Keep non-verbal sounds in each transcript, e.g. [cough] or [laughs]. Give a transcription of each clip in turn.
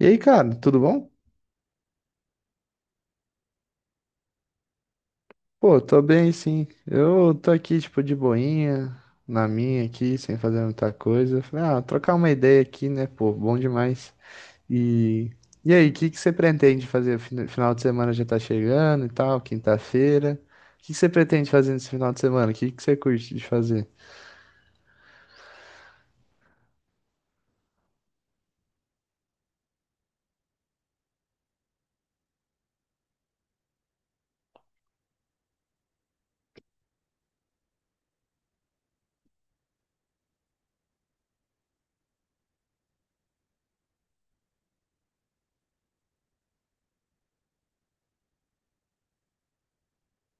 E aí, cara, tudo bom? Pô, tô bem, sim. Eu tô aqui, tipo, de boinha, na minha aqui, sem fazer muita coisa. Falei, ah, trocar uma ideia aqui, né, pô, bom demais. E, e aí, o que que você pretende fazer? Final de semana já tá chegando e tal, quinta-feira. O que que você pretende fazer nesse final de semana? O que que você curte de fazer?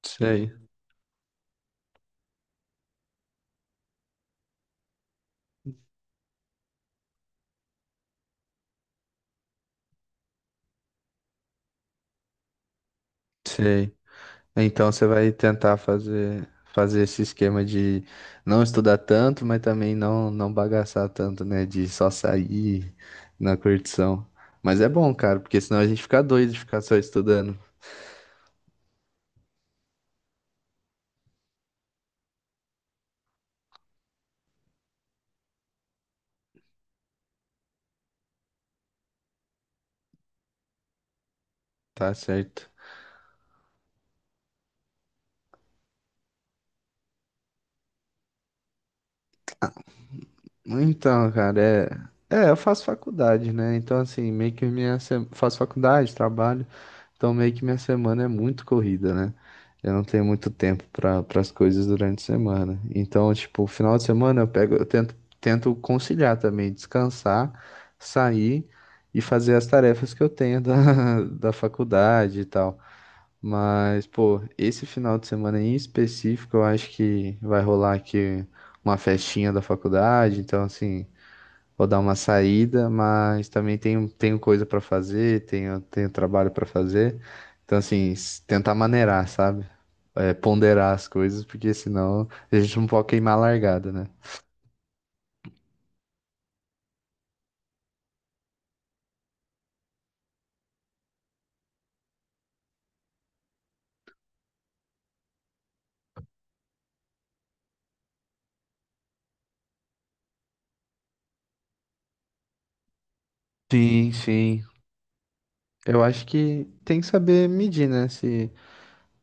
Sei, sei. Então você vai tentar fazer esse esquema de não estudar tanto, mas também não bagaçar tanto, né? De só sair na curtição. Mas é bom, cara, porque senão a gente fica doido de ficar só estudando, tá certo? Então, cara, é. É, eu faço faculdade, né? Então, assim, meio que minha. Faço faculdade, trabalho. Então, meio que minha semana é muito corrida, né? Eu não tenho muito tempo para as coisas durante a semana. Então, tipo, final de semana eu pego, eu tento conciliar também, descansar, sair e fazer as tarefas que eu tenho da, [laughs] da faculdade e tal. Mas, pô, esse final de semana em específico, eu acho que vai rolar aqui uma festinha da faculdade, então assim, vou dar uma saída, mas também tenho coisa pra fazer, tenho trabalho pra fazer. Então, assim, tentar maneirar, sabe? É, ponderar as coisas, porque senão a gente não pode queimar a largada, né? Sim, sim. Eu acho que tem que saber medir, né? Se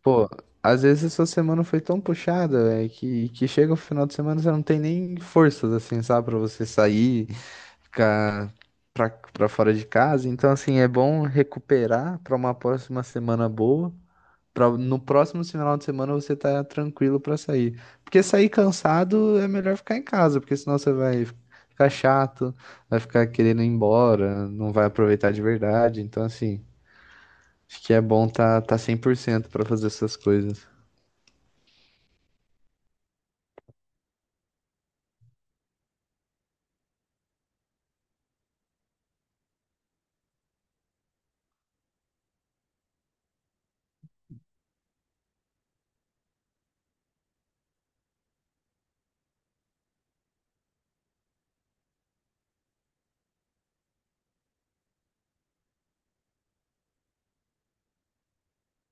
pô, às vezes a sua semana foi tão puxada, velho, que chega o final de semana você não tem nem forças, assim, sabe, pra você sair, ficar pra fora de casa. Então, assim, é bom recuperar pra uma próxima semana boa, pra no próximo final de semana você tá tranquilo pra sair. Porque sair cansado é melhor ficar em casa, porque senão você vai ficar chato, vai ficar querendo ir embora, não vai aproveitar de verdade. Então, assim, acho que é bom tá 100% pra fazer essas coisas.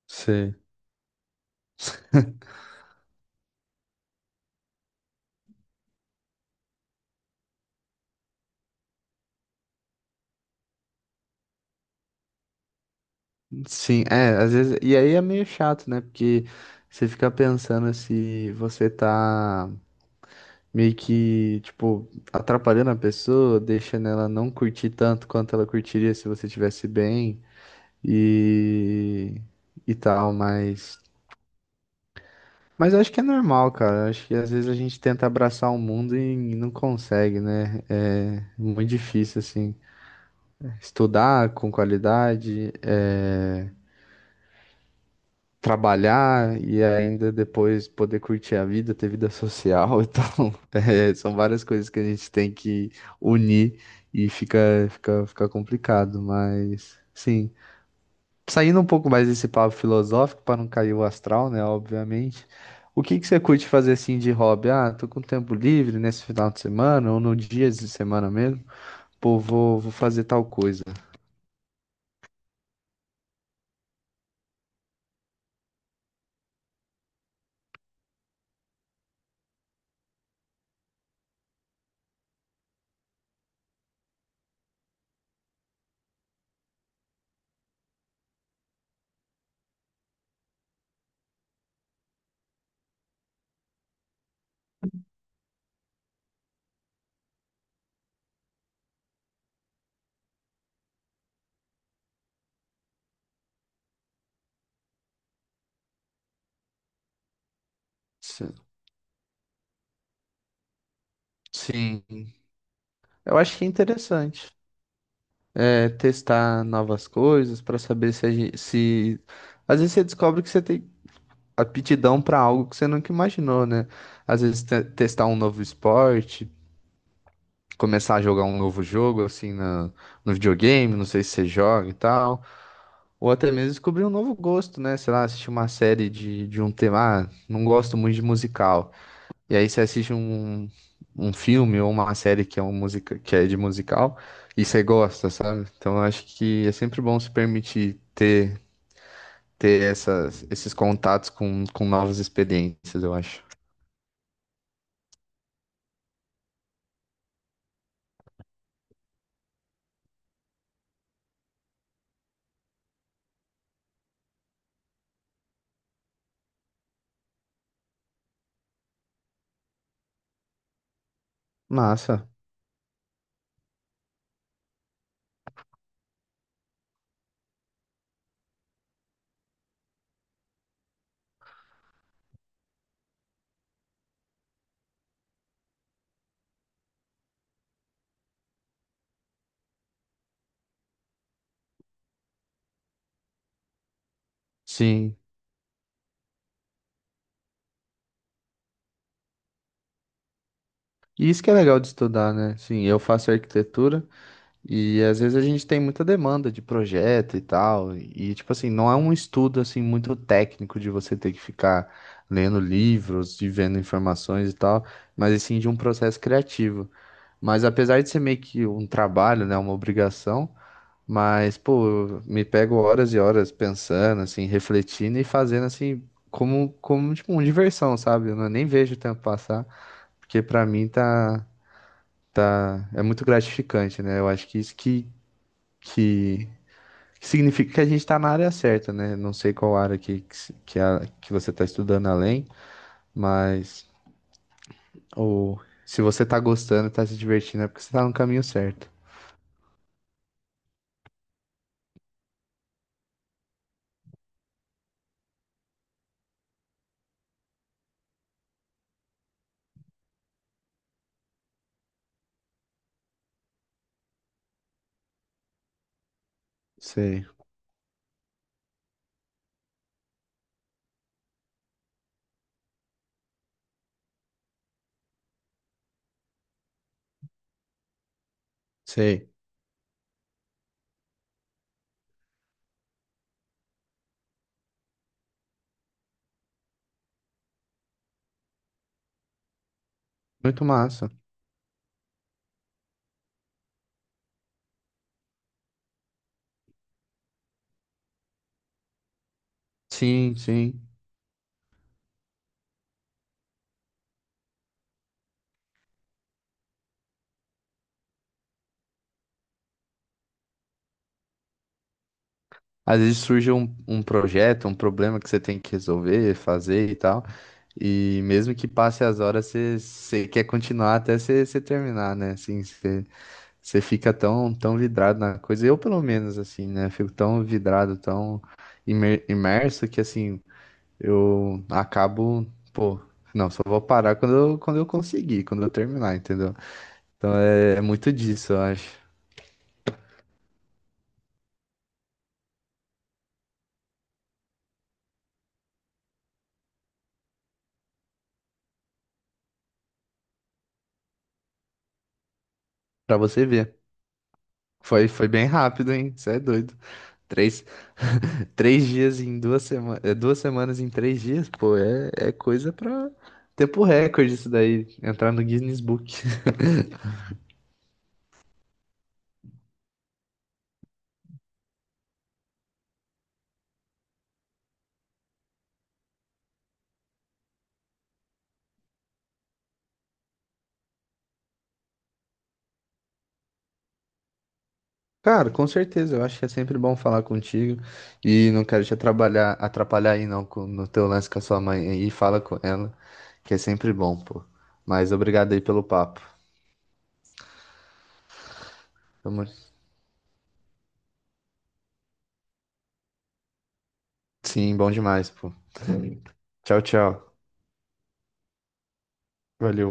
Sei. [laughs] Sim, é, às vezes. E aí é meio chato, né? Porque você fica pensando se você tá meio que, tipo, atrapalhando a pessoa, deixando ela não curtir tanto quanto ela curtiria se você tivesse bem e, e tal, mas. Mas eu acho que é normal, cara. Eu acho que às vezes a gente tenta abraçar o mundo e não consegue, né? É muito difícil, assim. Estudar com qualidade, é trabalhar e ainda depois poder curtir a vida, ter vida social e tal. [laughs] É, são várias coisas que a gente tem que unir e fica complicado, mas sim. Saindo um pouco mais desse papo filosófico, para não cair o astral, né? Obviamente. O que que você curte fazer assim de hobby? Ah, tô com tempo livre nesse final de semana ou no dia de semana mesmo. Pô, vou fazer tal coisa. Sim. Sim. Eu acho que é interessante. É, testar novas coisas para saber se, a gente, se às vezes você descobre que você tem aptidão para algo que você nunca imaginou, né? Às vezes testar um novo esporte, começar a jogar um novo jogo assim na, no videogame, não sei se você joga e tal, ou até mesmo descobrir um novo gosto, né? Sei lá, assistir uma série de um tema, ah, não gosto muito de musical. E aí você assiste um, um filme ou uma série que é, um musica, que é de musical e você gosta, sabe? Então eu acho que é sempre bom se permitir ter, ter essas, esses contatos com novas experiências, eu acho. Massa, sim. E isso que é legal de estudar, né? Sim, eu faço arquitetura. E às vezes a gente tem muita demanda de projeto e tal, e tipo assim, não é um estudo assim muito técnico de você ter que ficar lendo livros e vendo informações e tal, mas assim de um processo criativo. Mas apesar de ser meio que um trabalho, né, uma obrigação, mas pô, eu me pego horas e horas pensando, assim, refletindo e fazendo assim como tipo uma diversão, sabe? Eu não- Nem vejo o tempo passar, porque pra mim tá é muito gratificante, né? Eu acho que isso que significa que a gente está na área certa, né? Não sei qual área que você está estudando além, mas o, se você está gostando, está se divertindo, é porque você está no caminho certo. Sei, sei. Muito massa. Sim, sim. Às vezes surge um, um projeto, um problema que você tem que resolver, fazer e tal. E mesmo que passe as horas, você, você quer continuar até você terminar, né? Assim, você você fica tão vidrado na coisa. Eu, pelo menos, assim, né? Fico tão vidrado, tão imerso que, assim, eu acabo, pô, não, só vou parar quando eu conseguir, quando eu terminar, entendeu? Então é, é muito disso, eu acho. Pra você ver. Foi, foi bem rápido, hein? Você é doido. Três, [laughs] três dias em duas semanas. Duas semanas em três dias, pô, é, é coisa pra tempo recorde isso daí. Entrar no Guinness Book. Cara, com certeza, eu acho que é sempre bom falar contigo e não quero te atrapalhar, atrapalhar aí não no teu lance com a sua mãe aí, fala com ela, que é sempre bom, pô. Mas obrigado aí pelo papo. Tamo- Sim, bom demais, pô. Tchau, tchau. Valeu.